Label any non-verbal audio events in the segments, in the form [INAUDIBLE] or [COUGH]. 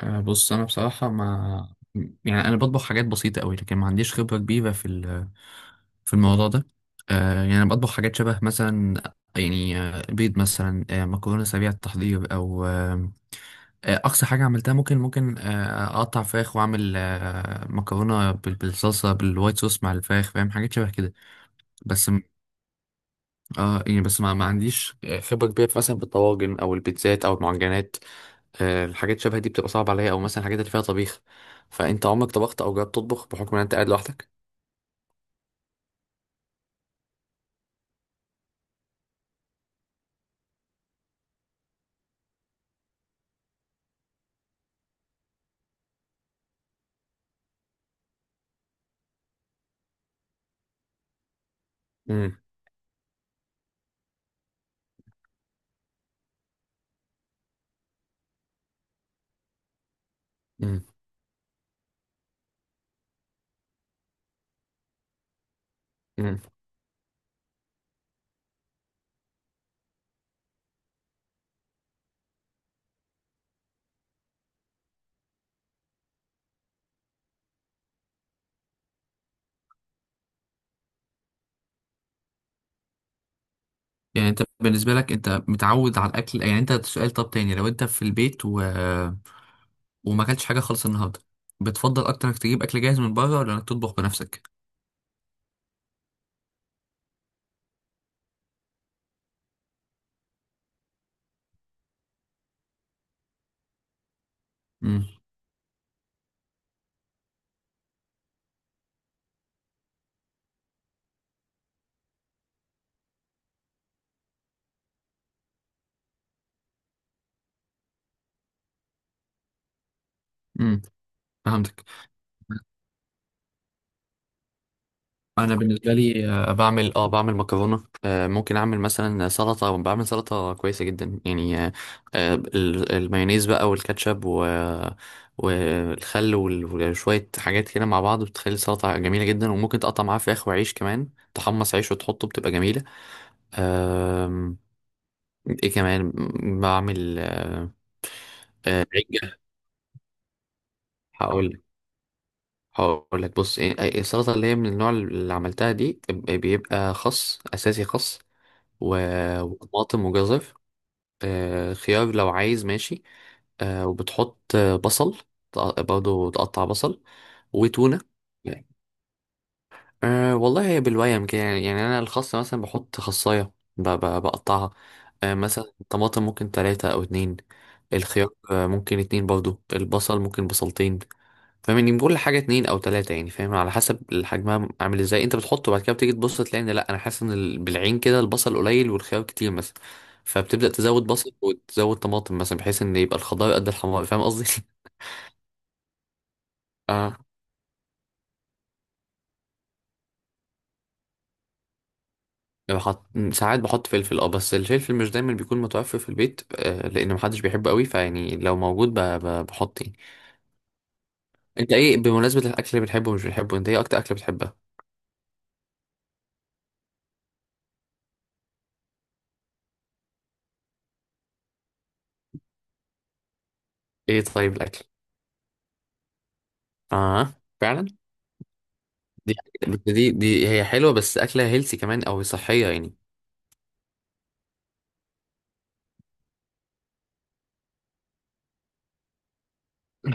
بص انا بصراحه ما. يعني انا بطبخ حاجات بسيطه قوي، لكن ما عنديش خبره كبيره في في الموضوع ده. يعني انا بطبخ حاجات شبه مثلا، يعني بيض مثلا، مكرونه سريعه التحضير، او اقصى حاجه عملتها، ممكن اقطع فراخ واعمل مكرونه بالصلصه بالوايت صوص مع الفراخ. فاهم؟ حاجات شبه كده. بس م- اه يعني بس ما عنديش خبره كبيره مثلا بالطواجن او البيتزات او المعجنات. الحاجات شبه دي بتبقى صعبة عليا، او مثلا الحاجات اللي فيها طبيخ. فانت عمرك طبخت او جربت تطبخ بحكم ان انت قاعد لوحدك؟ امم. امم. امم. يعني انت بالنسبه لك انت متعود على الاكل، يعني انت، سؤال طب تاني، لو انت في البيت و... وما اكلتش حاجه خالص النهارده، بتفضل اكتر انك تجيب اكل جاهز من بره ولا انك تطبخ بنفسك؟ امم. امم. فهمتك. انا بالنسبه لي بعمل، بعمل مكرونه. ممكن اعمل مثلا سلطه، بعمل سلطه كويسه جدا يعني. آه، المايونيز بقى والكاتشب والخل وشويه حاجات كده مع بعض بتخلي السلطه جميله جدا، وممكن تقطع معاها فراخ وعيش كمان. تحمص عيش وتحطه بتبقى جميله. آم، ايه كمان؟ بعمل عجة. هقول لك هقول لك، بص، إيه- إيه السلطة اللي هي من النوع اللي عملتها دي، بيبقى خس أساسي، خس، و- وطماطم وجزر، خيار لو عايز ماشي، وبتحط بصل. برضه تقطع بصل وتونة يعني. والله هي بالويم كده، يعني أنا الخاصة مثلا بحط خصاية، بقطعها. مثلا الطماطم ممكن تلاتة أو اتنين، الخيار ممكن اتنين برضه، البصل ممكن بصلتين. فاهمني، بكل حاجه اتنين او تلاته يعني، فاهم؟ على حسب الحجم عامل ازاي انت بتحطه. بعد كده بتيجي تبص تلاقي ان، لا، انا حاسس ان بالعين كده البصل قليل والخيار كتير مثلا. فبتبدا تزود بصل وتزود طماطم، مثلا بحيث ان يبقى الخضار قد الحمار. فاهم قصدي؟ [LAUGHS] اه. بحط، ساعات بحط فلفل، اه، بس الفلفل مش دايما بيكون متوفر في البيت، لان محدش بيحبه قوي، فيعني لو موجود بحط يعني. انت ايه، بمناسبه الاكل اللي بتحبه ومش بتحبه، انت ايه اكتر اكله بتحبها؟ ايه، طيب الاكل، اه فعلا. دي دي هي حلوه، بس اكلها هيلسي كمان او صحيه يعني.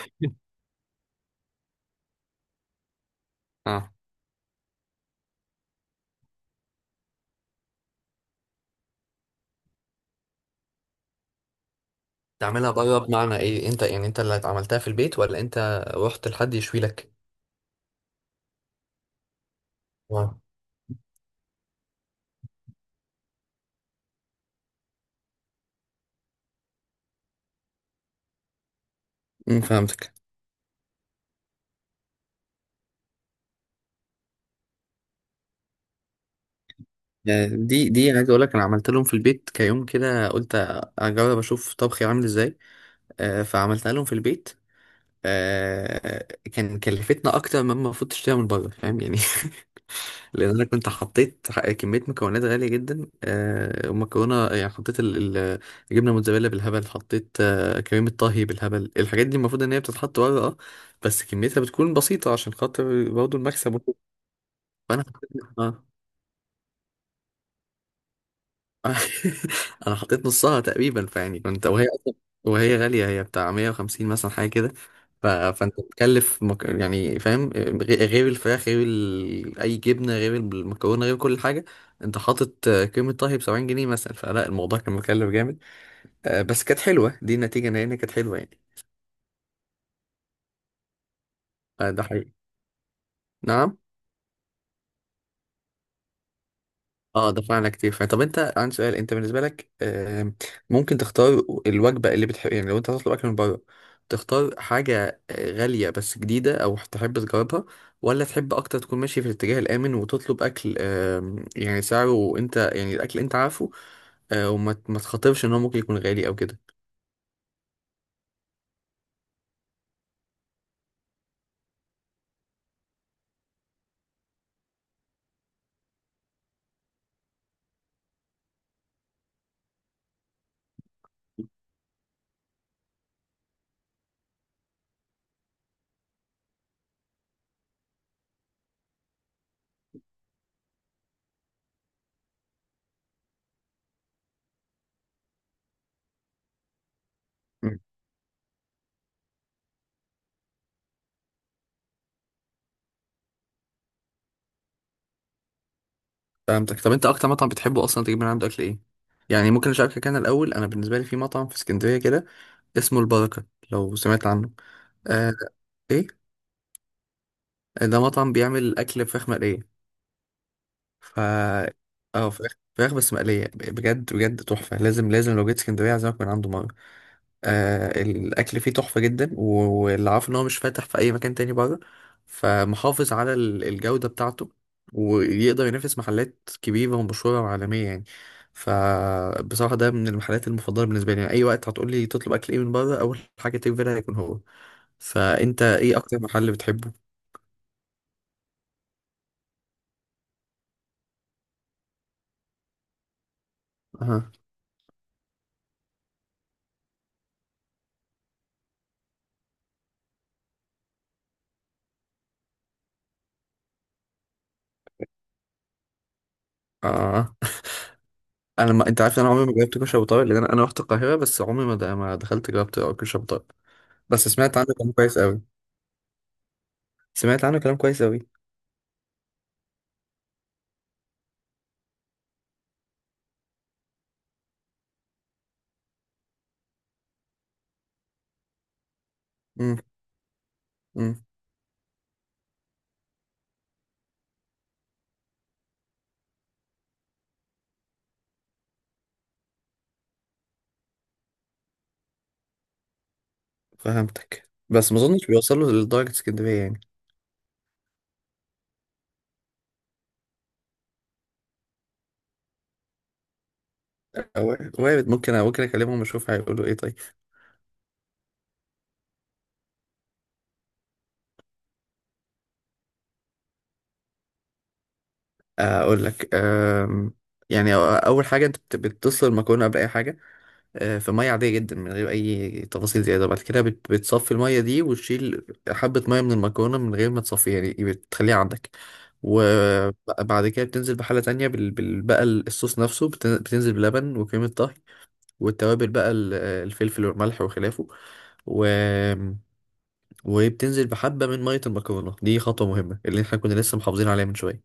[LAUGHS] اه. تعملها بره بمعنى ايه؟ انت يعني انت اللي عملتها في البيت ولا انت رحت لحد يشوي لك؟ آه. امم. فهمتك. يعني دي عايز اقول لك، انا عملت لهم في البيت كيوم كده، قلت اجرب اشوف طبخي عامل ازاي. فعملتها لهم في البيت. آه، كان كلفتنا اكتر مما المفروض تشتريها من بره، فاهم يعني. لان انا كنت حطيت كميه مكونات غاليه جدا. ومكرونه يعني، حطيت الجبنه موتزاريلا بالهبل، حطيت كريمه طهي بالهبل. الحاجات دي المفروض ان هي بتتحط ورا، اه، بس كميتها بتكون بسيطه عشان خاطر برضه المكسب وكده. فانا حطيت- اه [LAUGHS] انا حطيت نصها تقريبا، فيعني كنت، وهي اصلا، وهي غاليه، هي بتاع 150 مثلا حاجه كده. فانت بتكلف يعني، فاهم، غير الفراخ، غير اي جبنه، غير المكرونه، غير كل حاجه، انت حاطط كريمه طهي ب 70 جنيه مثلا. فلا الموضوع كان مكلف جامد. بس كانت حلوه، دي النتيجه ان هي كانت حلوه يعني. ده حقيقي. نعم. اه، دفعنا على كتير فعلا. طب انت، عندي سؤال، انت بالنسبه لك، ممكن تختار الوجبه اللي بتحب؟ يعني لو انت هتطلب اكل من بره، تختار حاجه غاليه بس جديده او تحب تجربها، ولا تحب اكتر تكون ماشي في الاتجاه الامن وتطلب اكل، يعني سعره انت، يعني الاكل انت عارفه، ما تخاطرش ان هو ممكن يكون غالي او كده؟ مم. فهمتك. طب انت اكتر مطعم بتحبه اصلا تجيب من عنده اكل ايه؟ يعني ممكن اشاركك انا الاول. انا بالنسبه لي في مطعم في اسكندريه كده اسمه البركه، لو سمعت عنه. آه، ايه، ده مطعم بيعمل اكل فراخ مقليه. ف اه فراخ، بس مقليه، بجد بجد تحفه، لازم لازم لو جيت اسكندريه اعزمك من عنده مره. الاكل فيه تحفه جدا، و- واللي عارف ان هو مش فاتح في اي مكان تاني بره، فمحافظ على الجوده بتاعته، ويقدر ينافس محلات كبيره ومشهوره وعالميه يعني. فبصراحه ده من المحلات المفضله بالنسبه لي، يعني اي وقت هتقول لي تطلب اكل ايه من بره، اول حاجه تيجي في بالها هيكون هو. فانت ايه اكتر محل بتحبه؟ اها. اه، انا ما... انت عارف ان انا عمري ما جربت كشري ابو طارق، لان انا رحت القاهره، بس عمري ما دخلت جربت كشري ابو طارق. بس سمعت عنه كلام كويس قوي. سمعت عنه كلام كويس قوي. امم. امم. فهمتك، بس ما اظنش بيوصل له لدرجه اسكندريه يعني. وارد، ممكن اكلمهم اشوف هيقولوا ايه. طيب. اقول لك، يعني أ- اول حاجه، انت بتسلق المكرونه قبل اي حاجه، في ميه عاديه جدا من غير اي تفاصيل زياده. بعد كده بتصفي الميه دي، وتشيل حبه ميه من المكرونه من غير ما تصفيها، يعني إيه، بتخليها عندك. وبعد كده بتنزل بحله تانية بقى الصوص نفسه، بتنزل بلبن وكريمه طهي، والتوابل بقى، الفلفل والملح وخلافه، و... وبتنزل بحبه من ميه المكرونه دي، خطوه مهمه اللي احنا كنا لسه محافظين عليها من شويه.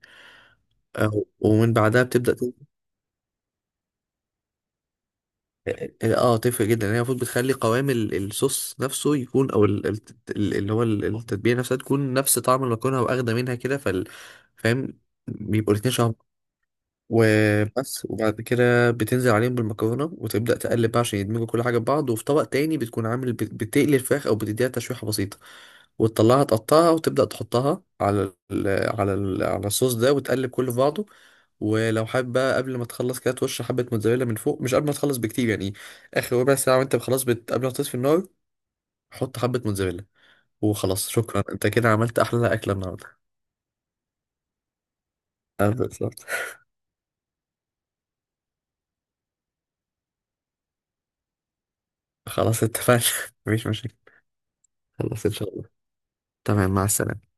ومن بعدها بتبدا. تفرق جدا يعني، هي المفروض بتخلي قوام الصوص نفسه يكون، او التتبيله نفسها تكون نفس طعم المكرونه واخده منها كده، فاهم؟ بيبقوا الاتنين شبه. وبس. وبعد كده بتنزل عليهم بالمكرونة وتبدأ تقلب بقى عشان يدمجوا كل حاجة ببعض، وفي طبق تاني بتكون عامل، بتقلي الفراخ أو بتديها تشويحة بسيطة، وتطلعها تقطعها وتبدأ تحطها على ال على ال على الصوص ده، وتقلب كله في بعضه. ولو حابب بقى، قبل ما تخلص كده، ترش حبة موتزاريلا من فوق، مش قبل ما تخلص بكتير يعني. آخر ربع ساعة وأنت خلاص قبل ما تطفي النار، حط حبة موتزاريلا. وخلاص، شكرا، أنت كده عملت أحلى أكلة النهاردة. بالظبط. خلاص اتفقنا. [LAUGHS] مفيش مشاكل. خلاص، إن شاء الله. تمام، مع السلامة.